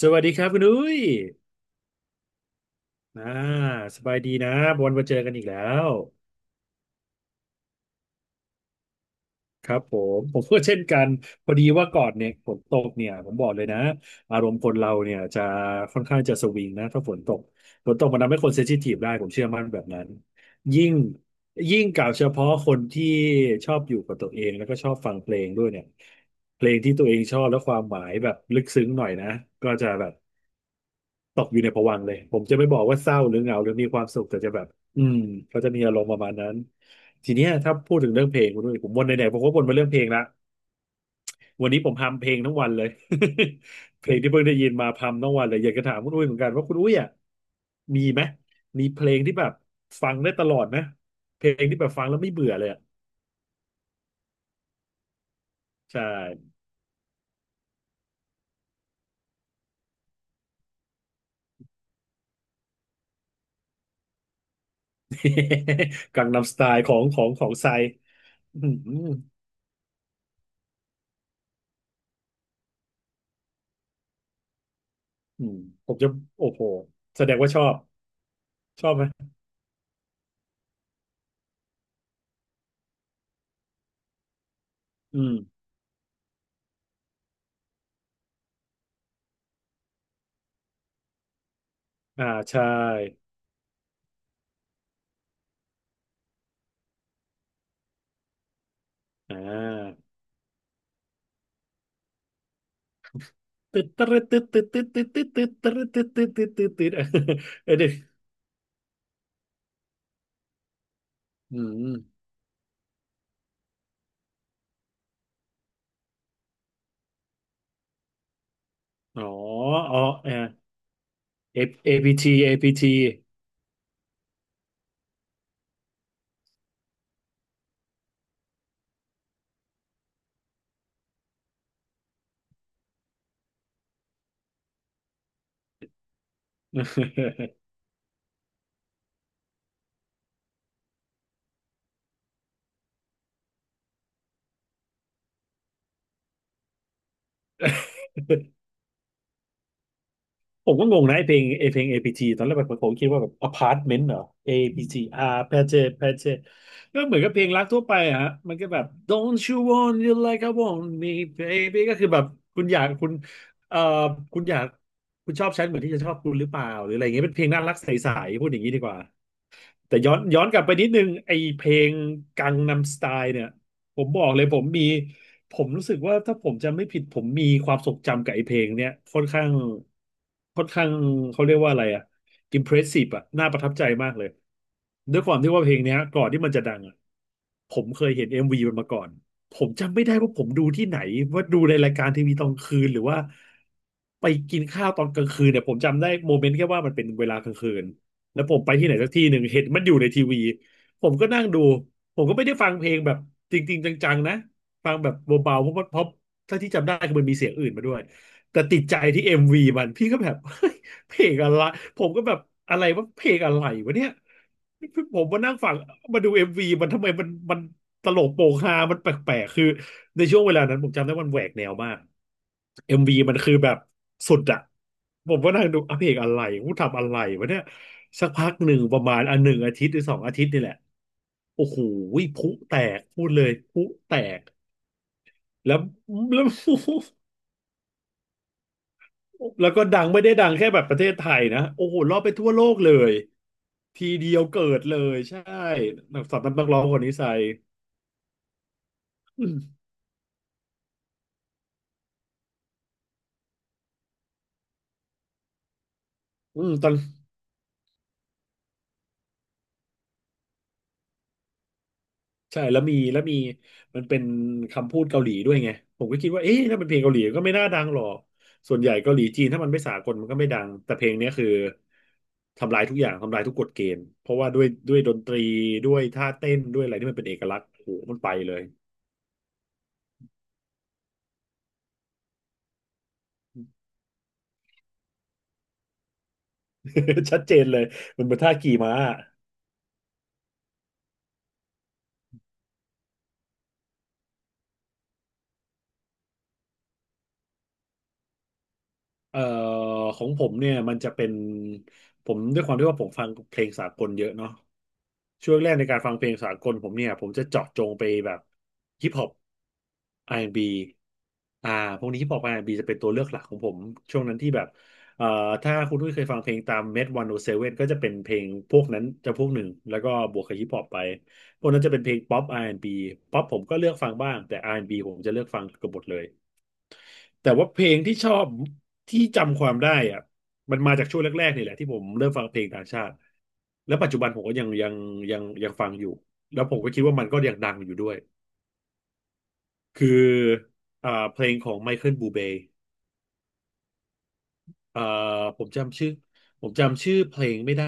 สวัสดีครับคุณอุ้ยอ่าสบายดีนะวันมาเจอกันอีกแล้ว ครับผม ผมก็เช่นกันพอดีว่าก่อนเนี่ยฝนตกเนี่ยผมบอกเลยนะอารมณ์คนเราเนี่ยจะค่อนข้างจะสวิงนะถ้าฝนตกฝนตกมันทำให้คนเซนซิทีฟได้ผมเชื่อมั่นแบบนั้น ยิ่งยิ่งกล่าวเฉพาะคนที่ชอบอยู่กับตัวเองแล้วก็ชอบฟังเพลงด้วยเนี่ยเพลงที่ตัวเองชอบและความหมายแบบลึกซึ้งหน่อยนะก็จะแบบ ตกอยู่ในภวังค์เลย ผมจะไม่บอกว่าเศร้าหรือเหงาหรือมีความสุขแต่จะแบบอืมเขาจะมีอารมณ์ประมาณนั้นทีเนี้ยถ้าพูดถึงเรื่องเพลงคุณด้วยผมวนไหนๆผมก็วนมาเรื่องเพลงละวันนี้ผมพัมเพลงทั้งวันเลย เพลงที่เพิ่งได้ยินมาพัมทั้งวันเลยอยากจะถามคุณอุ้ยเหมือนกันว่าคุณอุ้ยอ่ะมีไหมมีเพลงที่แบบฟังได้ตลอดไหมเพลงที่แบบฟังแล้วไม่เบื่อเลยอ่ะใช่ กังนัมสไตล์ของไซอืมอืมผมจะโอ้โหแสดงว่าชอบชอบไหมอืม อ่าใช่อ่าตึ๊ดตึ๊ดตึ๊ดตึ๊ดตึ๊ดตึ๊ดตึ๊ดตึ๊ดตึ๊ดตึ๊ดตึ๊ดตึ๊ดตึ๊ดตึ๊ด เออเด็กอืมอ๋ออ๋อเออ APT APT ผมก็งงนะไอเพลงไอเพลง APT ตอนแรกแบบผมคิดว่าแบบอพาร์ตเมนต์เหรอ APT R แพเจแพเจก็เหมือนกับเพลงรักทั่วไปอะฮะมันก็แบบ Don't you want you like I want me baby ก็คือแบบคุณอยากคุณเอ่อคุณอยากคุณชอบฉันเหมือนที่ฉันชอบคุณหรือเปล่าหรืออะไรอย่างเงี้ยเป็นเพลงน่ารักใสๆพูดอย่างนี้ดีกว่า แต่ย้อนกลับไปนิดนึงไอเพลงกังนัมสไตล์เนี่ยผมบอกเลยผมมีผมรู้สึกว่าถ้าผมจำไม่ผิดผมมีความทรงจำกับไอเพลงเนี่ยค่อนข้างเขาเรียกว่าอะไรอะอิมเพรสซีฟอะน่าประทับใจมากเลยด้วยความที่ว่าเพลงเนี้ยก่อนที่มันจะดังอะผมเคยเห็นเอ็มวีมันมาก่อนผมจำไม่ได้ว่าผมดูที่ไหนว่าดูในรายการทีวีตอนคืนหรือว่าไปกินข้าวตอนกลางคืนเนี่ยผมจำได้โมเมนต์แค่ว่ามันเป็นเวลากลางคืน แล้วผมไปที่ไหนสักที่หนึ่งเห็นมันอยู่ในทีวีผมก็นั่งดูผมก็ไม่ได้ฟังเพลงแบบจริงๆจังๆนะฟังแบบเบาๆเพราะถ้าที่จำได้คือมันมีเสียงอื่นมาด้วยแต่ติดใจที่เอ็มวีมันพี่ก็แบบ เพลงอะไรผมก็แบบอะไรว่าเพลงอะไรวะเนี่ยผมมานั่งฟังมาดูเอ็มวีมันทำไมมันตลกโปกฮามันแปลกๆคือในช่วงเวลานั้นผมจำได้มันแหวกแนวมากเอ็มวีมันคือแบบสุดอะผมก็นั่งดูอ่ะเพลงอะไรกูทำอะไรวะเนี่ยสักพักหนึ่งประมาณอันหนึ่งอาทิตย์หรือสองอาทิตย์นี่แหละโอ้โหพลุแตกพูดเลยพลุแตกแล้วแล้ว แล้วก็ดังไม่ได้ดังแค่แบบประเทศไทยนะโอ้โหรอบไปทั่วโลกเลย ทีเดียวเกิดเลยใช่สำหรับนักร้องคนนี้ใส่อืมอืมตอนใช่แล้วมีแล้วมีมันเป็นคำพูดเกาหลีด้วยไงผมก็คิดว่าเอ๊ะถ้าเป็นเพลงเกาหลีก็ไม่น่าดังหรอกส่วนใหญ่เกาหลีจีนถ้ามันไม่สากลมันก็ไม่ดังแต่เพลงเนี้ยคือทำลายทุกอย่างทำลายทุกกฎเกณฑ์เพราะว่าด้วยดนตรีด้วยท่าเต้นด้วยอะไรที่มันเป็นเอกลักษณ์โอ้โหมันไปเลย ชัดเจนเลยมันเป็นท่าขี่ม้าเอ่อของผมเนี่ยมันจะเป็นผมด้วยความที่ว่าผมฟังเพลงสากลเยอะเนาะ ช่วงแรกในการฟังเพลงสากลผมเนี่ยผมจะเจาะจงไปแบบฮิปฮอป R&B อนด์บีอ่าพวกนี้ฮิปฮอปอาร์แอนด์บ b จะเป็นตัวเลือกหลักของผมช่วงนั้นที่แบบเอ่อถ้าคุณทุ้ยเคยฟังเพลงตามเมทวันโอเซเว่นก็จะเป็นเพลงพวกนั้นจะพวกหนึ่งแล้วก็บวกกับฮิปฮอปไปพวกนั้นจะเป็นเพลงป๊อปอาร์แอนด์บ b ป๊อปผมก็เลือกฟังบ้างแต่อาร์แอนด์บ b ผมจะเลือกฟังเกือบหมดเลย แต่ว่าเพลงที่ชอบที่จำความได้อะมันมาจากช่วงแรกๆนี่แหละที่ผมเริ่มฟังเพลงต่างชาติแล้วปัจจุบันผมก็ยังฟังอยู่แล้วผมก็คิดว่ามันก็ยังดังอยู่ด้วยคือเพลงของไมเคิลบูเบย์อ่าผมจำชื่อผมจำชื่อเพลงไม่ได้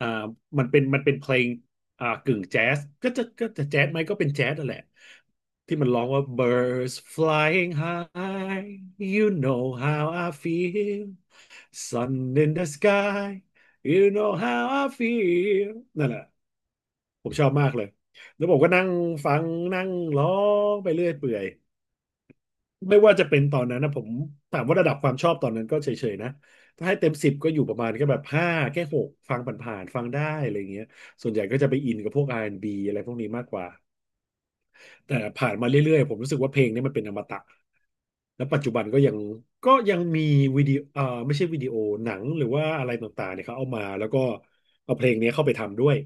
อ่ามันเป็นเพลงกึ่งแจ๊สก็จะแจ๊สไหมก็เป็นแจ๊สนั่นแหละที่มันร้องว่า birds flying high you know how I feel sun in the sky you know how I feel นั่นแหละผมชอบมากเลยแล้วผมก็นั่งฟังนั่งร้องไปเรื่อยเปื่อย ไม่ว่าจะเป็นตอนนั้นนะผมถามว่าระดับความชอบตอนนั้นก็เฉยๆนะถ้าให้เต็มสิบก็อยู่ประมาณแค่แบบห้าแค่หกฟังผ่านๆฟังได้อะไรเงี้ยส่วนใหญ่ก็จะไปอินกับพวก R&B อนด์บีอะไรพวกนี้มากกว่าแต่ผ่านมาเรื่อยๆผมรู้สึกว่าเพลงนี้มันเป็นอมตะแล้วปัจจุบันก็ยังมีวิดีโอไม่ใช่วิดีโอหนังหรือว่าอะไรต่างๆเนี่ยเขาเอามาแล้วก็เอาเพลงนี้เข้าไปทำด้วย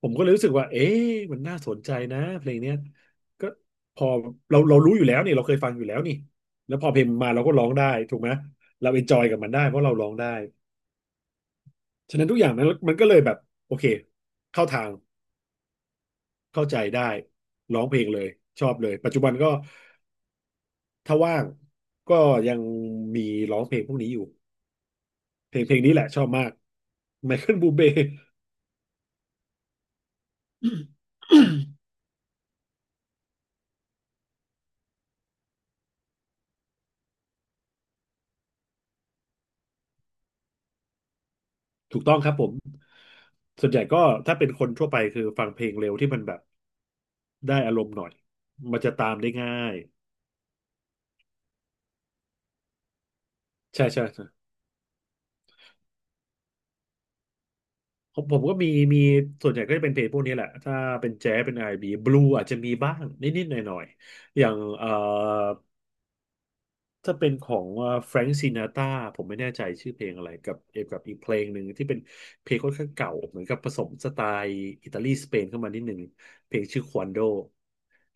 ผมก็เลยรู้สึกว่าเอ๊ะมันน่าสนใจนะเพลงเนี้ยก็พอเรารู้อยู่แล้วนี่เราเคยฟังอยู่แล้วนี่แล้วพอเพลงมาเราก็ร้องได้ถูกไหมเราเอนจอยกับมันได้เพราะเราร้องได้ฉะนั้นทุกอย่างนั้นมันก็เลยแบบโอเคเข้าทางเข้าใจได้ร้องเพลงเลยชอบเลยปัจจุบันก็ถ้าว่างก็ยังมีร้องเพลงพวกนี้อยู่เพลงนี้แหละชอบมากไมเคิลบูเบถูกต้องครับผมส่วนใหญ่ก็ถ้าเป็นคนทั่วไปคือฟังเพลงเร็วที่มันแบบ ได้อารมณ์หน่อยมันจะตามได้ง่ายใช่ใช่ใช่ผมก็มีส่วนใหญ่ก็จะเป็นเพลงพวกนี้แหละ ถ้าเป็นแจ๊สเป็นไอนด์บีบลูอาจจะมีบ้างนิดๆหน่อยๆ อย่างถ้าเป็นของแฟรง k ์ซินาตาผมไม่แน่ใจชื่อเพลงอะไรกับเอกับอีกเพลงหนึ่งที่เป็นเพลงค่อนข้างเก่าเหมือนกับผสมสไตล์อิตาลีสเปนเข้ามานิดหนึ่งเพลงชื่อควันโด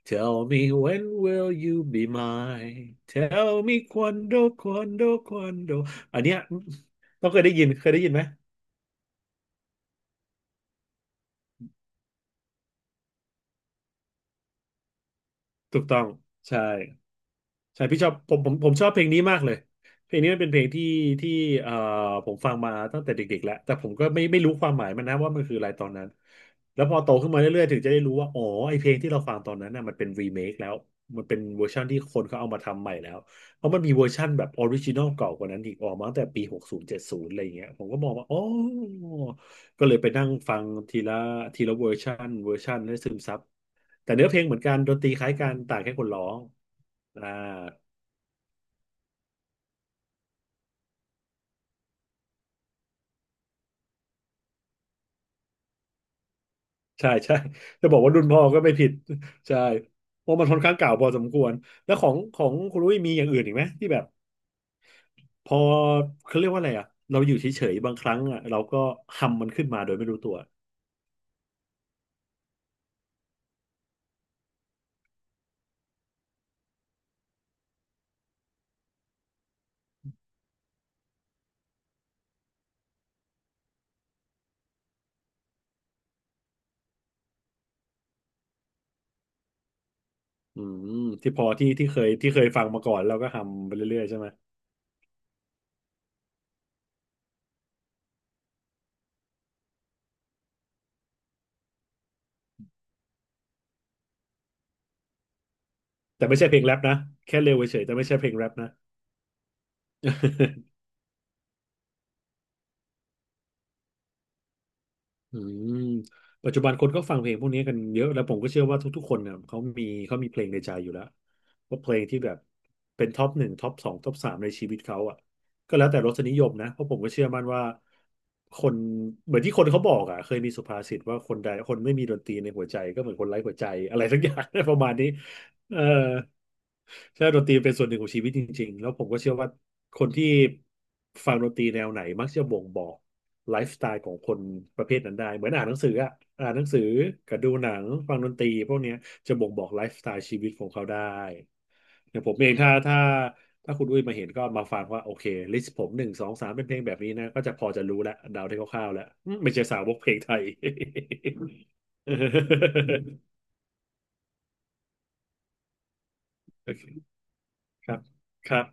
Tell me when will you be mine? Tell me quando, quando, quando. อันเนี้ยต้องเคยได้ยินไหมถูกต้องใช่ ใช่พี่ชอบผมชอบเพลงนี้มากเลยเพลงนี้มันเป็นเพลงที่เอ่อผมฟังมาตั้งแต่เด็กๆแล้วแต่ผมก็ไม่รู้ความหมายมันนะว่ามันคืออะไรตอนนั้นแล้วพอโตขึ้นมาเรื่อยๆถึงจะได้รู้ว่าอ๋อไอเพลงที่เราฟังตอนนั้นน่ะมันเป็นรีเมคแล้วมันเป็นเวอร์ชันที่คนเขาเอามาทำใหม่แล้วเพราะมันมีเวอร์ชันแบบออริจินอลเก่ากว่านั้นอีกออกมาตั้งแต่ปีหกศูนย์เจ็ดศูนย์อะไรอย่างเงี้ยผมก็มองว่าอ๋อก็เลยไปนั่งฟังทีละเวอร์ชันให้ซึมซับแต่เนื้อเพลงเหมือนกันดนตรีคล้ายกันต่างแค่คนร้องอ่า ใช่ใช่จะบอกว่ารุ่นพ่อก็ไม่ผิด ใช่เพราะมันค่อนข้างเก่าพอสมควรแล้วของคุณลุยมีอย่างอื่นอีกไหมที่แบบพอเขาเรียกว่าอะไรอ่ะเราอยู่เฉยๆบางครั้งอ่ะเราก็ฮัมมันขึ้นมาโดยไม่รู้ตัวอืมที่พอที่ที่เคยที่เคยฟังมาก่อนเราก็ฮัมไปเรื่อยๆใช่ไหมแต่ไม่ใช่เพลงแรปนะแค่เร็วเฉยๆแต่ไม่ใช่เพลงแรปนะ อืมปัจจุบันคนก็ฟังเพลงพวกนี้กันเยอะแล้วผมก็เชื่อว่าทุกๆคนเนี่ยเขามีเพลงในใจอยู่แล้วว่าเพลงที่แบบเป็นท็อปหนึ่งท็อปสองท็อปสามในชีวิตเขาอ่ะก็แล้วแต่รสนิยมนะเพราะผมก็เชื่อมั่นว่าคนเหมือนที่คนเขาบอกอ่ะเคยมีสุภาษิตว่าคนใดคนไม่มีดนตรีในหัวใจก็เหมือนคนไร้หัวใจอะไรสักอย่าง ประมาณนี้ เออใช่ดนตรีเป็นส่วนหนึ่งของชีวิตจริงๆ แล้วผมก็เชื่อว่าคนที่ฟังดนตรีแนวไหนมักจะบ่งบอกไลฟ์สไตล์ของคนประเภทนั้นได้เหมือนอ่านหนังสืออะอ่านหนังสือกับดูหนังฟังดนตรีพวกเนี้ยจะบ่งบอกไลฟ์สไตล์ชีวิตของเขาได้อย่างผมเองถ้าคุณอุ้ยมาเห็นก็มาฟังว่าโอเคลิสต์ผมหนึ่งสองสามเป็นเพลงแบบนี้นะก็จะพอจะรู้แล้วเดาได้คร่าวๆแล้วอืมไม่ใช่สาวกเพลงไทย โอเคครับครับ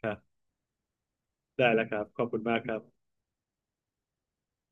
ครับ ได้แล้วครับขอบคุณมากครับ